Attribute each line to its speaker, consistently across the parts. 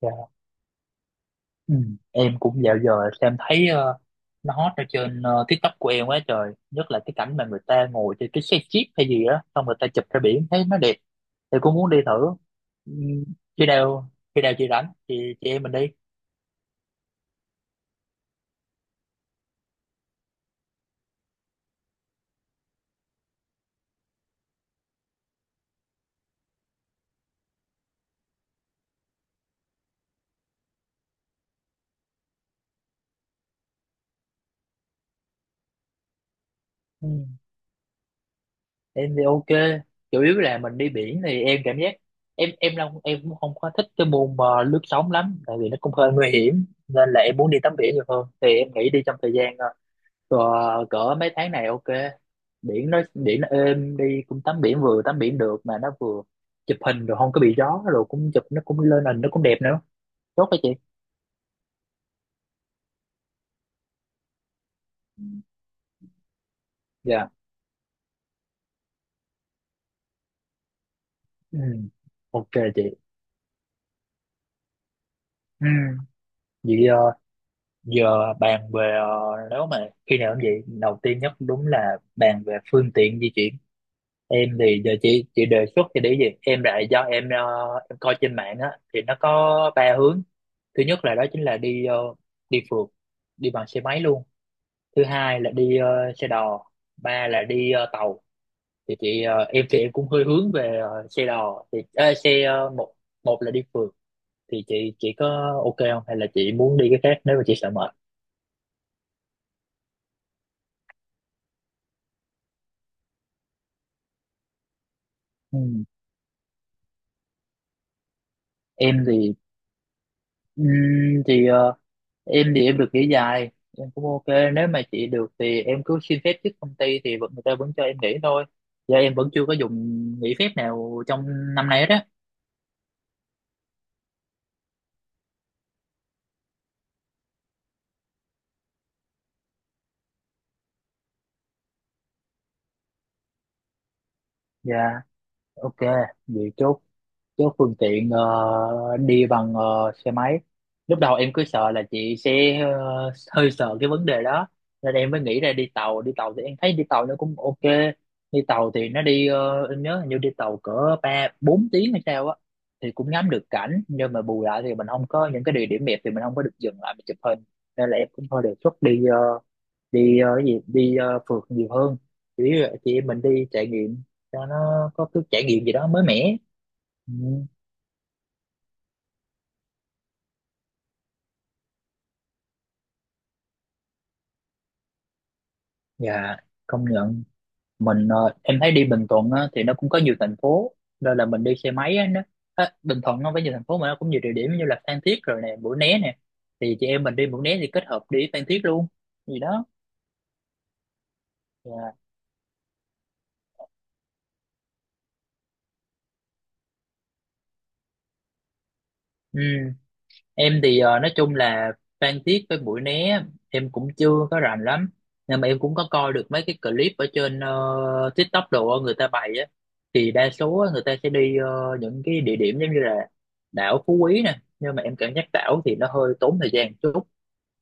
Speaker 1: Dạ. Ừ. Em cũng dạo giờ xem thấy nó hot ở trên TikTok của em quá trời, nhất là cái cảnh mà người ta ngồi trên cái xe jeep hay gì đó, xong người ta chụp ra biển thấy nó đẹp thì cũng muốn đi thử. Ừ, khi nào chị rảnh thì chị em mình đi. Ừ, em thì ok, chủ yếu là mình đi biển thì em cảm giác em không cũng không có thích cái môn mà lướt sóng lắm, tại vì nó cũng hơi nguy hiểm, nên là em muốn đi tắm biển nhiều hơn, thì em nghĩ đi trong thời gian ờ, cỡ mấy tháng này ok, biển nó êm, đi cũng tắm biển, vừa tắm biển được mà nó vừa chụp hình rồi không có bị gió, rồi cũng chụp nó cũng lên hình nó cũng đẹp nữa. Tốt hả chị. Dạ. Ừ. Ok chị. Ừ. Vậy giờ bàn về nếu mà khi nào cũng vậy, đầu tiên nhất đúng là bàn về phương tiện di chuyển. Em thì giờ chị đề xuất thì để gì em lại, do em em coi trên mạng á thì nó có ba hướng. Thứ nhất là đó chính là đi phượt, đi bằng xe máy luôn. Thứ hai là xe đò. Ba là tàu. Thì em thì em cũng hơi hướng về xe đò, thì một, một là đi phượt. Thì chị có ok không, hay là chị muốn đi cái khác nếu mà chị sợ mệt. Ừ. Em thì ừm, thì ờ, em thì em được nghỉ dài, em cũng ok. Nếu mà chị được thì em cứ xin phép trước công ty, thì vẫn người ta vẫn cho em nghỉ thôi. Giờ em vẫn chưa có dùng nghỉ phép nào trong năm nay hết á. Dạ. Ok, vậy chốt. Chứ phương tiện đi bằng xe máy, lúc đầu em cứ sợ là chị sẽ hơi sợ cái vấn đề đó, nên em mới nghĩ ra đi tàu. Đi tàu thì em thấy đi tàu nó cũng ok. Đi tàu thì nó đi, em nhớ hình như đi tàu cỡ 3 4 tiếng hay sao á, thì cũng ngắm được cảnh, nhưng mà bù lại thì mình không có những cái địa điểm đẹp thì mình không có được dừng lại mình chụp hình. Nên là em cũng thôi đề xuất đi ờ, cái gì đi ờ, phượt nhiều hơn. Chỉ chị em mình đi trải nghiệm cho nó có cái trải nghiệm gì đó mới mẻ. Ừ. Dạ, công nhận. Mình em thấy đi Bình Thuận á, thì nó cũng có nhiều thành phố, nên là mình đi xe máy á, nó á, Bình Thuận nó với nhiều thành phố, mà nó cũng nhiều địa điểm như là Phan Thiết rồi nè, Mũi Né nè. Thì chị em mình đi Mũi Né thì kết hợp đi Phan Thiết luôn gì đó. Dạ. Ừ, em thì nói chung là Phan Thiết với Mũi Né em cũng chưa có rành lắm, nhưng mà em cũng có coi được mấy cái clip ở trên TikTok đồ á, người ta bày á, thì đa số á, người ta sẽ đi những cái địa điểm giống như là đảo Phú Quý nè. Nhưng mà em cảm giác đảo thì nó hơi tốn thời gian chút,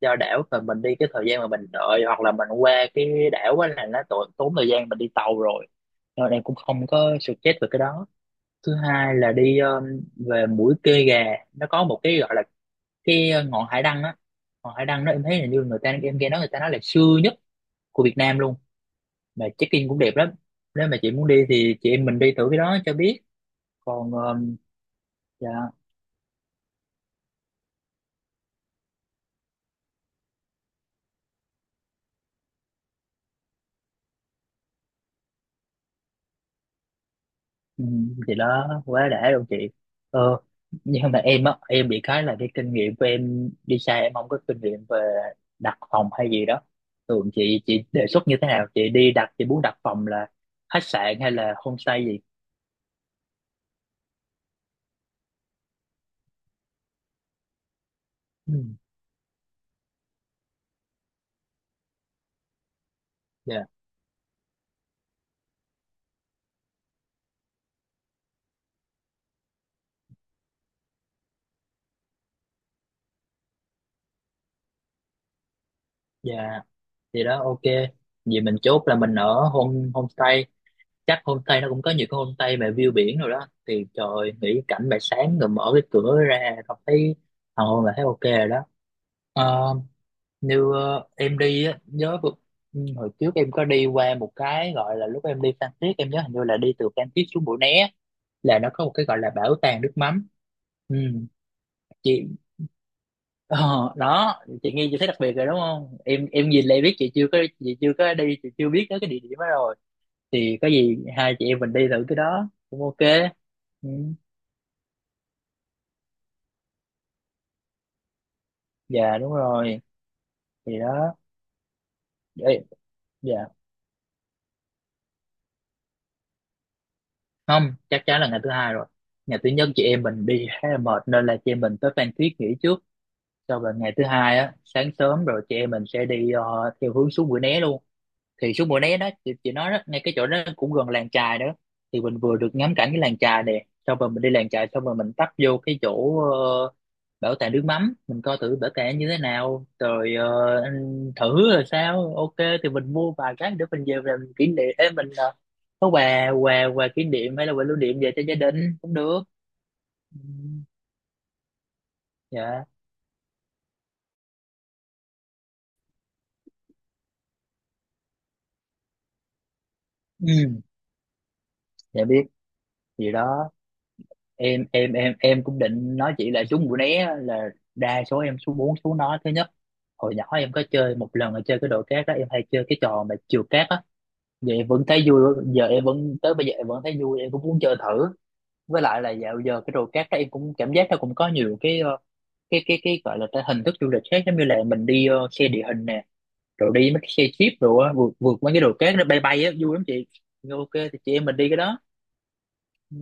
Speaker 1: do đảo mà mình đi, cái thời gian mà mình đợi hoặc là mình qua cái đảo á là nó tốn tốn thời gian, mình đi tàu rồi. Nên em cũng không có suggest về cái đó. Thứ hai là về mũi Kê Gà, nó có một cái gọi là cái ngọn hải đăng á. Ngọn hải đăng đó em thấy là, như người ta em nghe nói người ta nói là xưa nhất của Việt Nam luôn, mà check-in cũng đẹp lắm. Nếu mà chị muốn đi thì chị em mình đi thử cái đó cho biết. Còn dạ. Ừ, thì đó quá đã luôn chị. ờ nhưng mà em á, em bị cái là cái kinh nghiệm của em đi xa, em không có kinh nghiệm về đặt phòng hay gì đó. Thường chị đề xuất như thế nào, chị đi đặt, chị muốn đặt phòng là khách sạn hay là homestay gì. Ừ. Dạ. Dạ, thì đó ok, vì mình chốt là mình ở homestay. Chắc homestay nó cũng có nhiều cái homestay mà view biển rồi đó, thì trời ơi, nghĩ cảnh bài sáng rồi mở cái cửa ra không thấy hoàng hôn là thấy ok rồi đó. Ờ, em đi á, ừ, hồi trước em có đi qua một cái gọi là, lúc em đi Phan Thiết em nhớ hình như là đi từ Phan Thiết xuống Mũi Né là nó có một cái gọi là bảo tàng nước mắm. Ừ, chị. Ờ, đó, chị nghe chị thấy đặc biệt rồi đúng không, em em nhìn lại biết chị chưa có, chị chưa có đi, chị chưa biết tới cái địa điểm đó rồi. Thì có gì hai chị em mình đi thử cái đó cũng ok. Ừ. Dạ đúng rồi. Thì đó. Ê, dạ, không, chắc chắn là ngày thứ hai rồi. Ngày thứ nhất chị em mình đi khá là mệt, nên là chị em mình tới Phan Thiết nghỉ trước, sau rồi ngày thứ hai á sáng sớm rồi chị em mình sẽ đi theo hướng xuống Mũi Né luôn. Thì xuống mùa né đó chị nói đó, ngay cái chỗ đó cũng gần làng chài đó. Thì mình vừa được ngắm cảnh cái làng chài đẹp, xong rồi mình đi làng chài, xong rồi mình tấp vô cái chỗ bảo tàng nước mắm, mình coi thử bảo tàng như thế nào, rồi anh thử rồi sao ok. Thì mình mua vài cái để mình về làm kỷ niệm. Ê, mình có quà quà quà kỷ niệm hay là quà lưu niệm về cho gia đình cũng được. Ừ. Dạ. Ừ. Dạ biết gì đó. Em cũng định nói chị là trúng mũi né á, là đa số em số 4 số nó thứ nhất. Hồi nhỏ em có chơi một lần là chơi cái đồ cát đó, em hay chơi cái trò mà trượt cát á. Giờ em vẫn thấy vui, giờ em vẫn tới bây giờ em vẫn thấy vui, em cũng muốn chơi thử. Với lại là dạo giờ cái đồ cát đó em cũng cảm giác nó cũng có nhiều cái cái gọi là cái hình thức du lịch khác, giống như là mình đi xe địa hình nè, rồi đi mấy cái xe jeep rồi á, vượt vượt mấy cái đồ cát, nó bay bay á, vui lắm chị. Ok thì chị em mình đi cái đó. Ừ.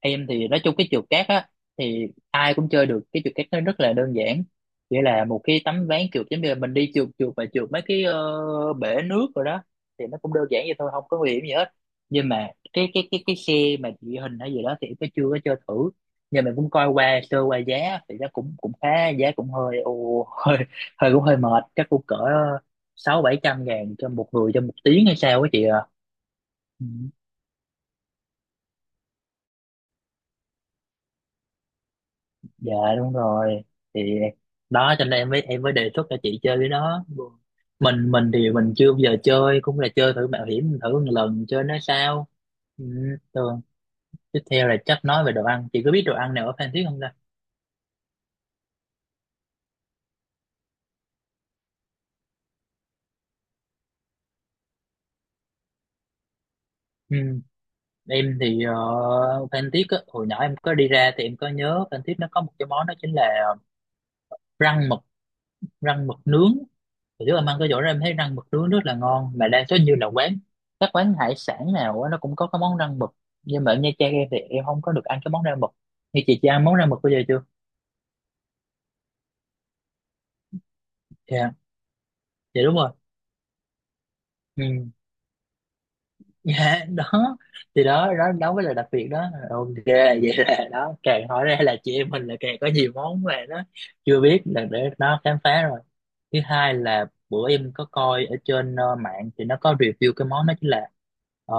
Speaker 1: Em thì nói chung cái trượt cát á, thì ai cũng chơi được. Cái trượt cát nó rất là đơn giản, chỉ là một cái tấm ván trượt, giống như là mình đi trượt trượt và trượt mấy cái bể nước rồi đó. Thì nó cũng đơn giản vậy thôi, không có nguy hiểm gì hết. Nhưng mà cái xe mà địa hình hay gì đó thì em chưa có chơi thử, nhưng mà cũng coi qua sơ qua giá thì nó cũng cũng khá, giá cũng hơi hơi hơi cũng hơi mệt, chắc cũng cỡ 600 700 ngàn cho một người cho 1 tiếng hay sao á chị à. Dạ đúng rồi, thì đó cho nên em mới đề xuất cho chị chơi cái đó. Mình thì mình chưa bao giờ chơi, cũng là chơi thử mạo hiểm thử một lần chơi nó sao. Ừ, thường tiếp theo là chắc nói về đồ ăn, chị có biết đồ ăn nào ở Phan Thiết không ta. Ừ, em thì Phan Thiết á, hồi nhỏ em có đi ra thì em có nhớ Phan Thiết nó có một cái món đó chính là răng mực, rang mực nướng. Hồi trước em ăn cái chỗ đó em thấy rang mực nướng rất là ngon, mà đa số như là các quán hải sản nào á, nó cũng có cái món rang mực. Nhưng mà ở Nha Trang em thì em không có được ăn cái món rang mực. Như chị ăn món rang mực bây giờ chưa. Dạ. Dạ đúng rồi. Ừ. Dạ đó. Thì đó đó đó mới là đặc biệt đó, ok. Vậy là đó càng hỏi ra là chị em mình là càng có nhiều món mà nó chưa biết, là để nó khám phá rồi. Thứ hai là bữa em có coi ở trên mạng thì nó có review cái món đó chính là ờ,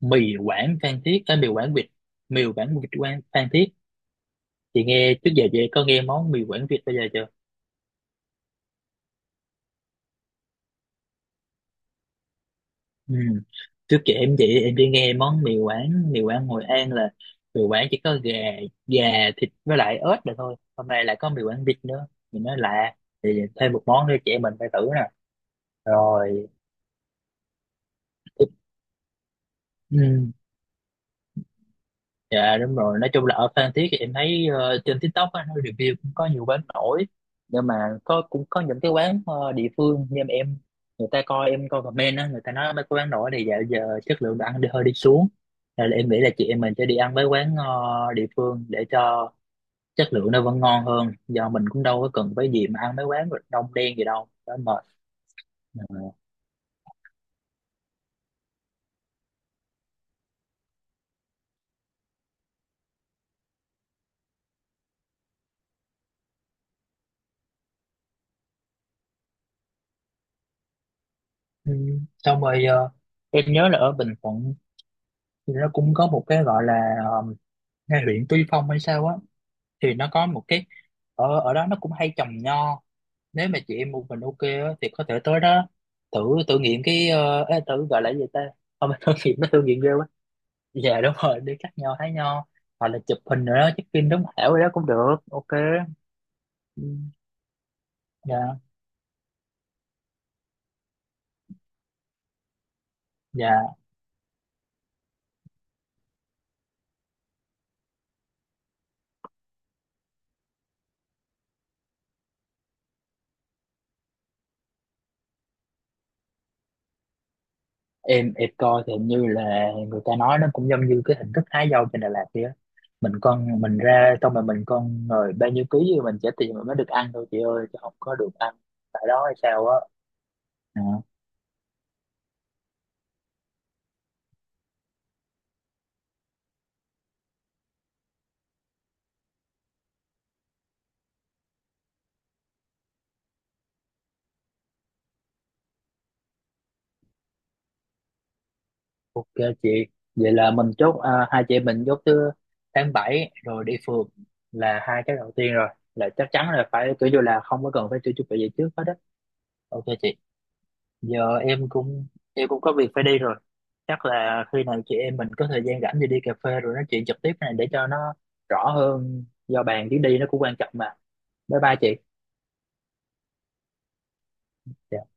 Speaker 1: mì Quảng Phan Thiết, cái mì Quảng việt, mì Quảng việt Quảng Phan Thiết. Chị nghe trước giờ chị có nghe món mì Quảng việt bây giờ chưa. Ừ. Trước kia em chị em chỉ nghe món mì Quảng Hội An là mì Quảng chỉ có gà gà thịt với lại ớt là thôi, hôm nay lại có mì Quảng vịt nữa mình nói lạ. Thì thêm một món nữa chị em mình phải thử nè. Rồi. Ừ. Dạ đúng rồi, nói chung là ở Phan Thiết thì em thấy trên TikTok á, nó review cũng có nhiều quán nổi, nhưng mà có cũng có những cái quán địa phương, nhưng mà em, người ta coi em coi comment á, người ta nói mấy cái quán nổi này dạo giờ chất lượng đồ ăn đi hơi đi xuống, nên là em nghĩ là chị em mình sẽ đi ăn mấy quán địa phương để cho chất lượng nó vẫn ngon hơn, do mình cũng đâu có cần phải gì mà ăn mấy quán đông đen gì đâu, đó mệt. Ờ. Ừ. Xong rồi em nhớ là ở Bình Thuận thì nó cũng có một cái gọi là ngay huyện Tuy Phong hay sao á, thì nó có một cái, ở ở đó nó cũng hay trồng nho. Nếu mà chị em một mình ok á, thì có thể tới đó thử, thử nghiệm cái ờ, ê, thử gọi là gì ta, không phải thử nghiệm, nó thử nghiệm ghê quá. Dạ đúng rồi, đi cắt nho hái nho, hoặc là chụp hình nữa đó, check in đúng hảo đó cũng được ok. Ừ. Dạ. Dạ em coi thì hình như là người ta nói nó cũng giống như cái hình thức hái dâu trên Đà Lạt kia, mình con mình ra xong rồi mình con rồi bao nhiêu ký gì mình trả tiền mình mới được ăn thôi chị ơi, chứ không có được ăn tại đó hay sao á. Dạ. Ok chị, vậy là mình chốt à, hai chị em mình chốt thứ tháng 7 rồi đi phượt là hai cái đầu tiên rồi, là chắc chắn là phải kiểu như là không có cần phải tự chuẩn bị gì trước hết á. Ok chị, giờ em cũng có việc phải đi rồi. Chắc là khi nào chị em mình có thời gian rảnh thì đi cà phê rồi nói chuyện trực tiếp này, để cho nó rõ hơn do bàn chuyến đi nó cũng quan trọng mà. Bye bye chị. Dạ.